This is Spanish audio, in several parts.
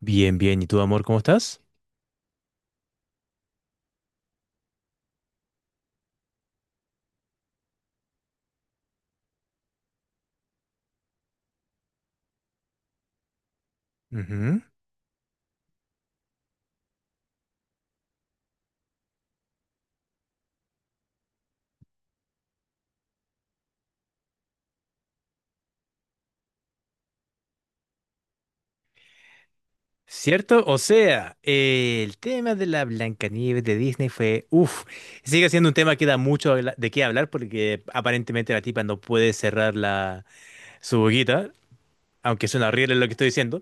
Bien, bien. ¿Y tú, amor, cómo estás? Ujú. ¿Cierto? O sea, el tema de la Blancanieves de Disney fue, uff, sigue siendo un tema que da mucho de qué hablar porque aparentemente la tipa no puede cerrar la, su boquita, aunque suena horrible lo que estoy diciendo.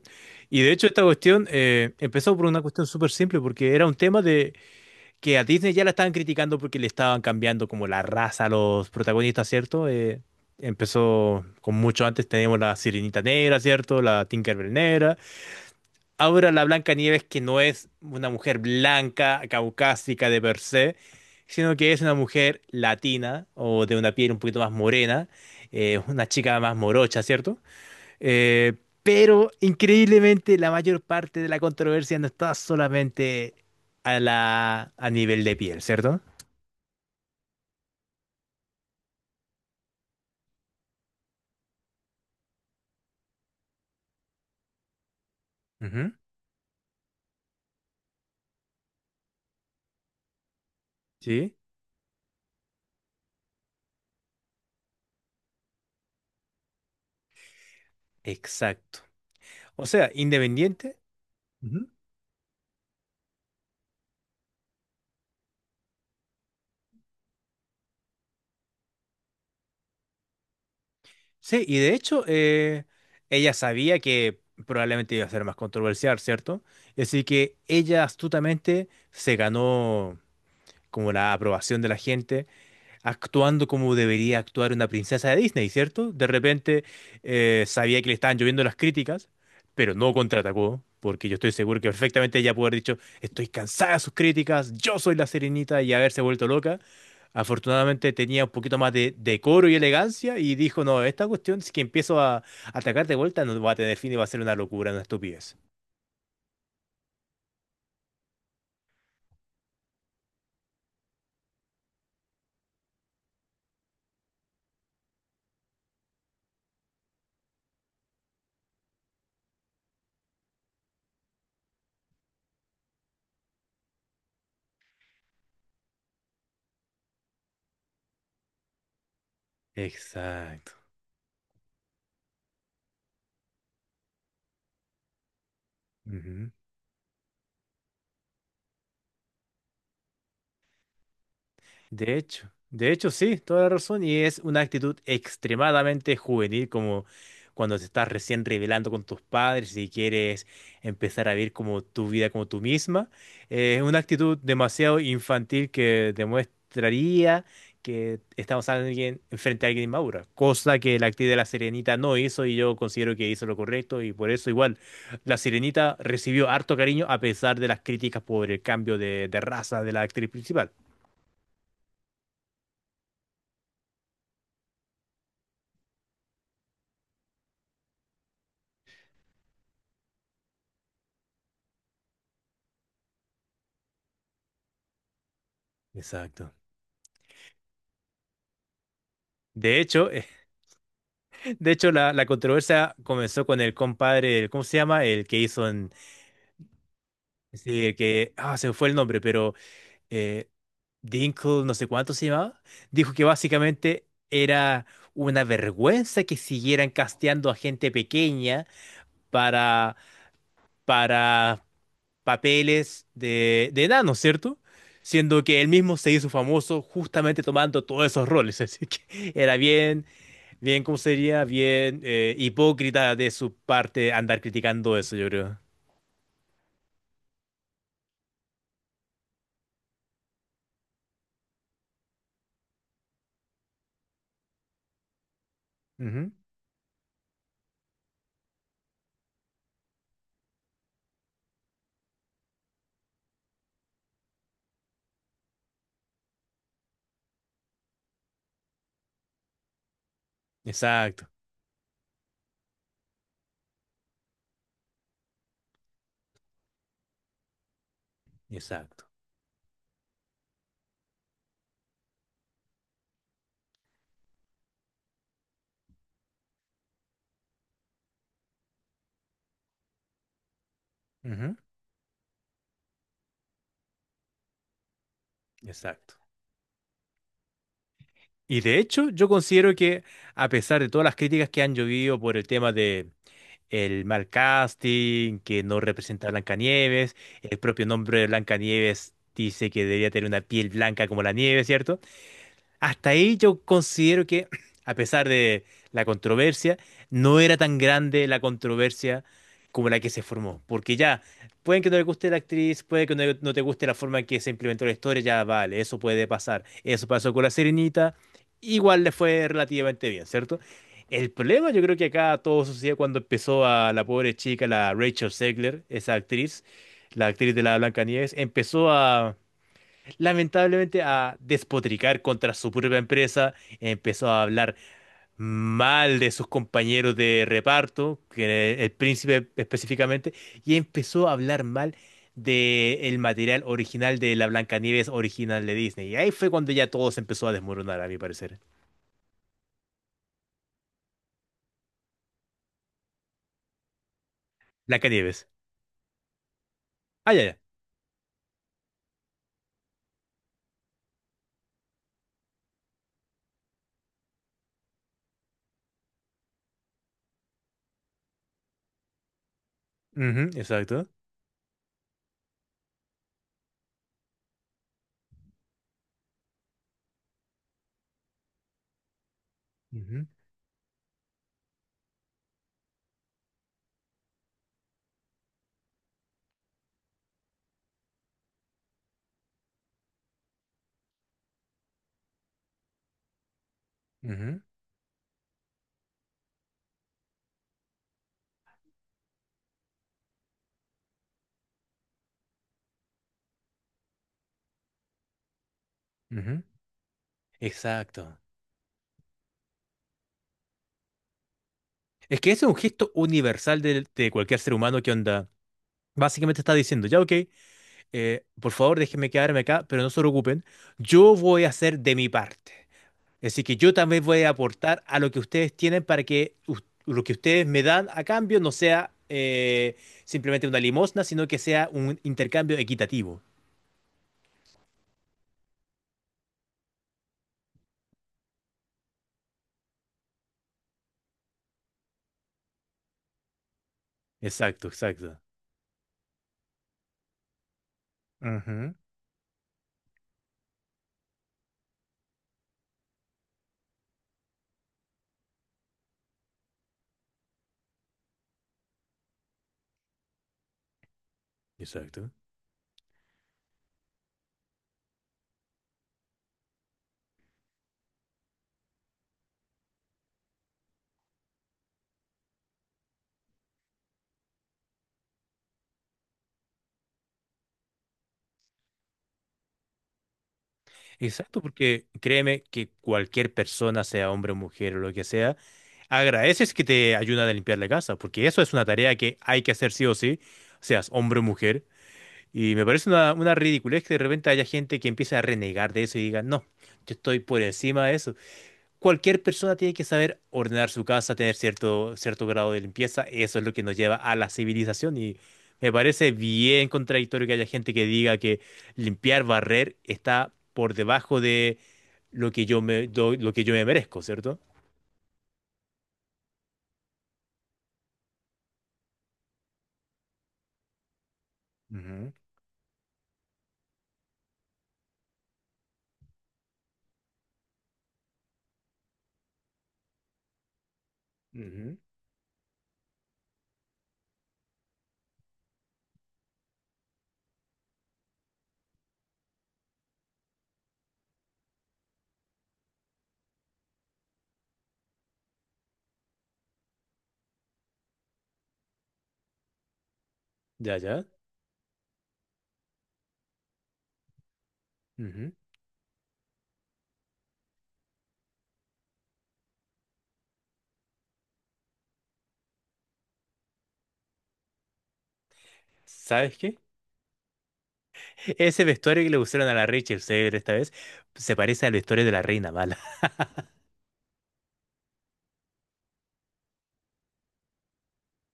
Y de hecho esta cuestión empezó por una cuestión súper simple porque era un tema que a Disney ya la estaban criticando porque le estaban cambiando como la raza a los protagonistas, ¿cierto? Empezó con mucho antes, tenemos la Sirenita Negra, ¿cierto? La Tinkerbell Negra. Ahora la Blanca Nieves, que no es una mujer blanca, caucásica de per se, sino que es una mujer latina o de una piel un poquito más morena, una chica más morocha, ¿cierto? Eh, pero increíblemente la mayor parte de la controversia no está solamente a la, a nivel de piel, ¿cierto? Ujú, sí, exacto. O sea, independiente. Ujú. Sí, y de hecho, ella sabía que probablemente iba a ser más controversial, ¿cierto? Así que ella astutamente se ganó como la aprobación de la gente actuando como debería actuar una princesa de Disney, ¿cierto? De repente sabía que le estaban lloviendo las críticas, pero no contraatacó, porque yo estoy seguro que perfectamente ella pudo haber dicho, estoy cansada de sus críticas, yo soy la Sirenita y haberse vuelto loca. Afortunadamente tenía un poquito más de decoro y elegancia y dijo, no, esta cuestión, si que empiezo a atacar de vuelta, no va a tener fin y va a ser una locura, una estupidez. Exacto. Ujú. De hecho sí, toda la razón. Y es una actitud extremadamente juvenil, como cuando te estás recién revelando con tus padres y quieres empezar a vivir como tu vida como tú misma. Es una actitud demasiado infantil que demostraría que estamos alguien, frente a alguien inmadura, cosa que la actriz de La Sirenita no hizo y yo considero que hizo lo correcto y por eso igual La Sirenita recibió harto cariño a pesar de las críticas por el cambio de raza de la actriz principal. Exacto. De hecho, de hecho la controversia comenzó con el compadre, ¿cómo se llama? El que hizo en, sí, el que, ah, se me fue el nombre, pero eh, Dinkle, no sé cuánto se llamaba, dijo que básicamente era una vergüenza que siguieran casteando a gente pequeña para, para papeles de enanos, ¿cierto? Siendo que él mismo se hizo famoso justamente tomando todos esos roles, así que era bien, bien, ¿cómo sería? Bien hipócrita de su parte andar criticando eso, yo creo. Ujú. Exacto, exacto, ujú, exacto. Y de hecho, yo considero que a pesar de todas las críticas que han llovido por el tema de el mal casting, que no representa a Blancanieves, el propio nombre de Blancanieves dice que debería tener una piel blanca como la nieve, ¿cierto? Hasta ahí yo considero que, a pesar de la controversia, no era tan grande la controversia como la que se formó. Porque ya, pueden que no le guste la actriz, puede que no, no te guste la forma en que se implementó la historia, ya vale, eso puede pasar. Eso pasó con La Sirenita, igual le fue relativamente bien, ¿cierto? El problema yo creo que acá todo sucedió cuando empezó a la pobre chica, la Rachel Zegler, esa actriz, la actriz de la Blancanieves, empezó a lamentablemente a despotricar contra su propia empresa, empezó a hablar mal de sus compañeros de reparto, que el príncipe específicamente, y empezó a hablar mal del material original de la Blancanieves original de Disney. Y ahí fue cuando ya todo se empezó a desmoronar, a mi parecer. Blancanieves. Ah, ya, ya. Ujú, exacto. Ujú, ujú, ujú. Exacto. Es que ese es un gesto universal de cualquier ser humano que onda. Básicamente está diciendo, ya ok, por favor, déjenme quedarme acá, pero no se preocupen, yo voy a hacer de mi parte. Así que yo también voy a aportar a lo que ustedes tienen para que lo que ustedes me dan a cambio no sea simplemente una limosna, sino que sea un intercambio equitativo. Exacto, exacto. Ujú. Exacto. Exacto, porque créeme que cualquier persona, sea hombre o mujer o lo que sea, agradeces que te ayudan a limpiar la casa, porque eso es una tarea que hay que hacer sí o sí, seas hombre o mujer. Y me parece una ridiculez que de repente haya gente que empiece a renegar de eso y diga, no, yo estoy por encima de eso. Cualquier persona tiene que saber ordenar su casa, tener cierto, cierto grado de limpieza. Eso es lo que nos lleva a la civilización. Y me parece bien contradictorio que haya gente que diga que limpiar, barrer está por debajo de lo que yo me, lo que yo me merezco, ¿cierto? Ujú, ujú. Ya, ya. Ujú. ¿Sabes qué? Ese vestuario que le pusieron a la Rachel Zegler esta vez se parece al vestuario de la Reina Mala.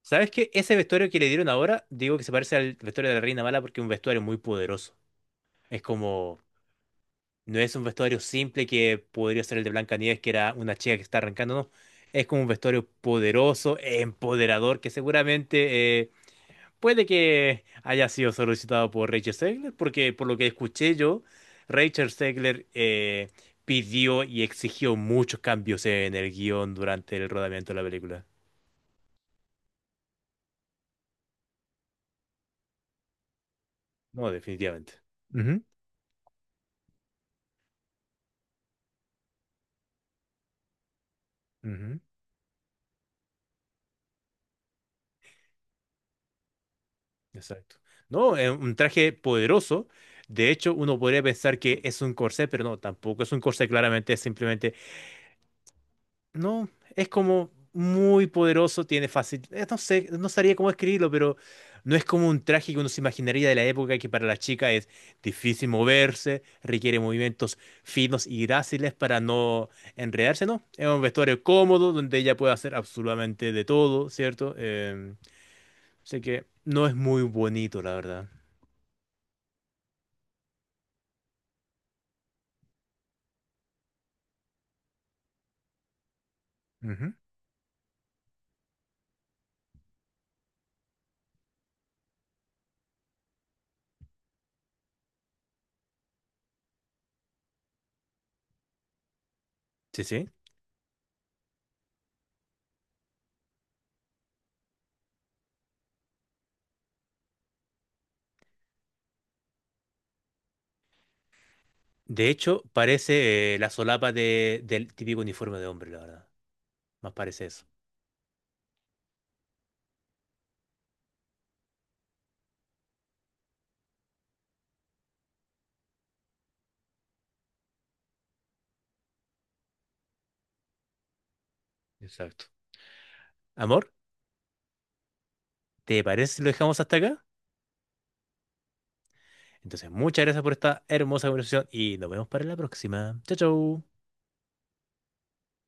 ¿Sabes qué? Ese vestuario que le dieron ahora, digo que se parece al vestuario de la Reina Mala porque es un vestuario muy poderoso. Es como, no es un vestuario simple que podría ser el de Blancanieves, que era una chica que está arrancando, no. Es como un vestuario poderoso, empoderador, que seguramente puede que haya sido solicitado por Rachel Zegler, porque por lo que escuché yo, Rachel Zegler pidió y exigió muchos cambios en el guión durante el rodamiento de la película. No, definitivamente. Ujú, ujú, exacto. No, es un traje poderoso. De hecho, uno podría pensar que es un corsé, pero no, tampoco es un corsé, claramente es simplemente no, es como muy poderoso, tiene fácil. No sé, no sabría cómo escribirlo, pero no es como un traje que uno se imaginaría de la época que para la chica es difícil moverse, requiere movimientos finos y gráciles para no enredarse, ¿no? Es un vestuario cómodo donde ella puede hacer absolutamente de todo, ¿cierto? Sé que no es muy bonito, la verdad. Ujú. Sí, sí. De hecho, parece la solapa del típico uniforme de hombre, la verdad. Más parece eso. Exacto. Amor, ¿te parece si lo dejamos hasta acá? Entonces, muchas gracias por esta hermosa conversación y nos vemos para la próxima. Chao, chao.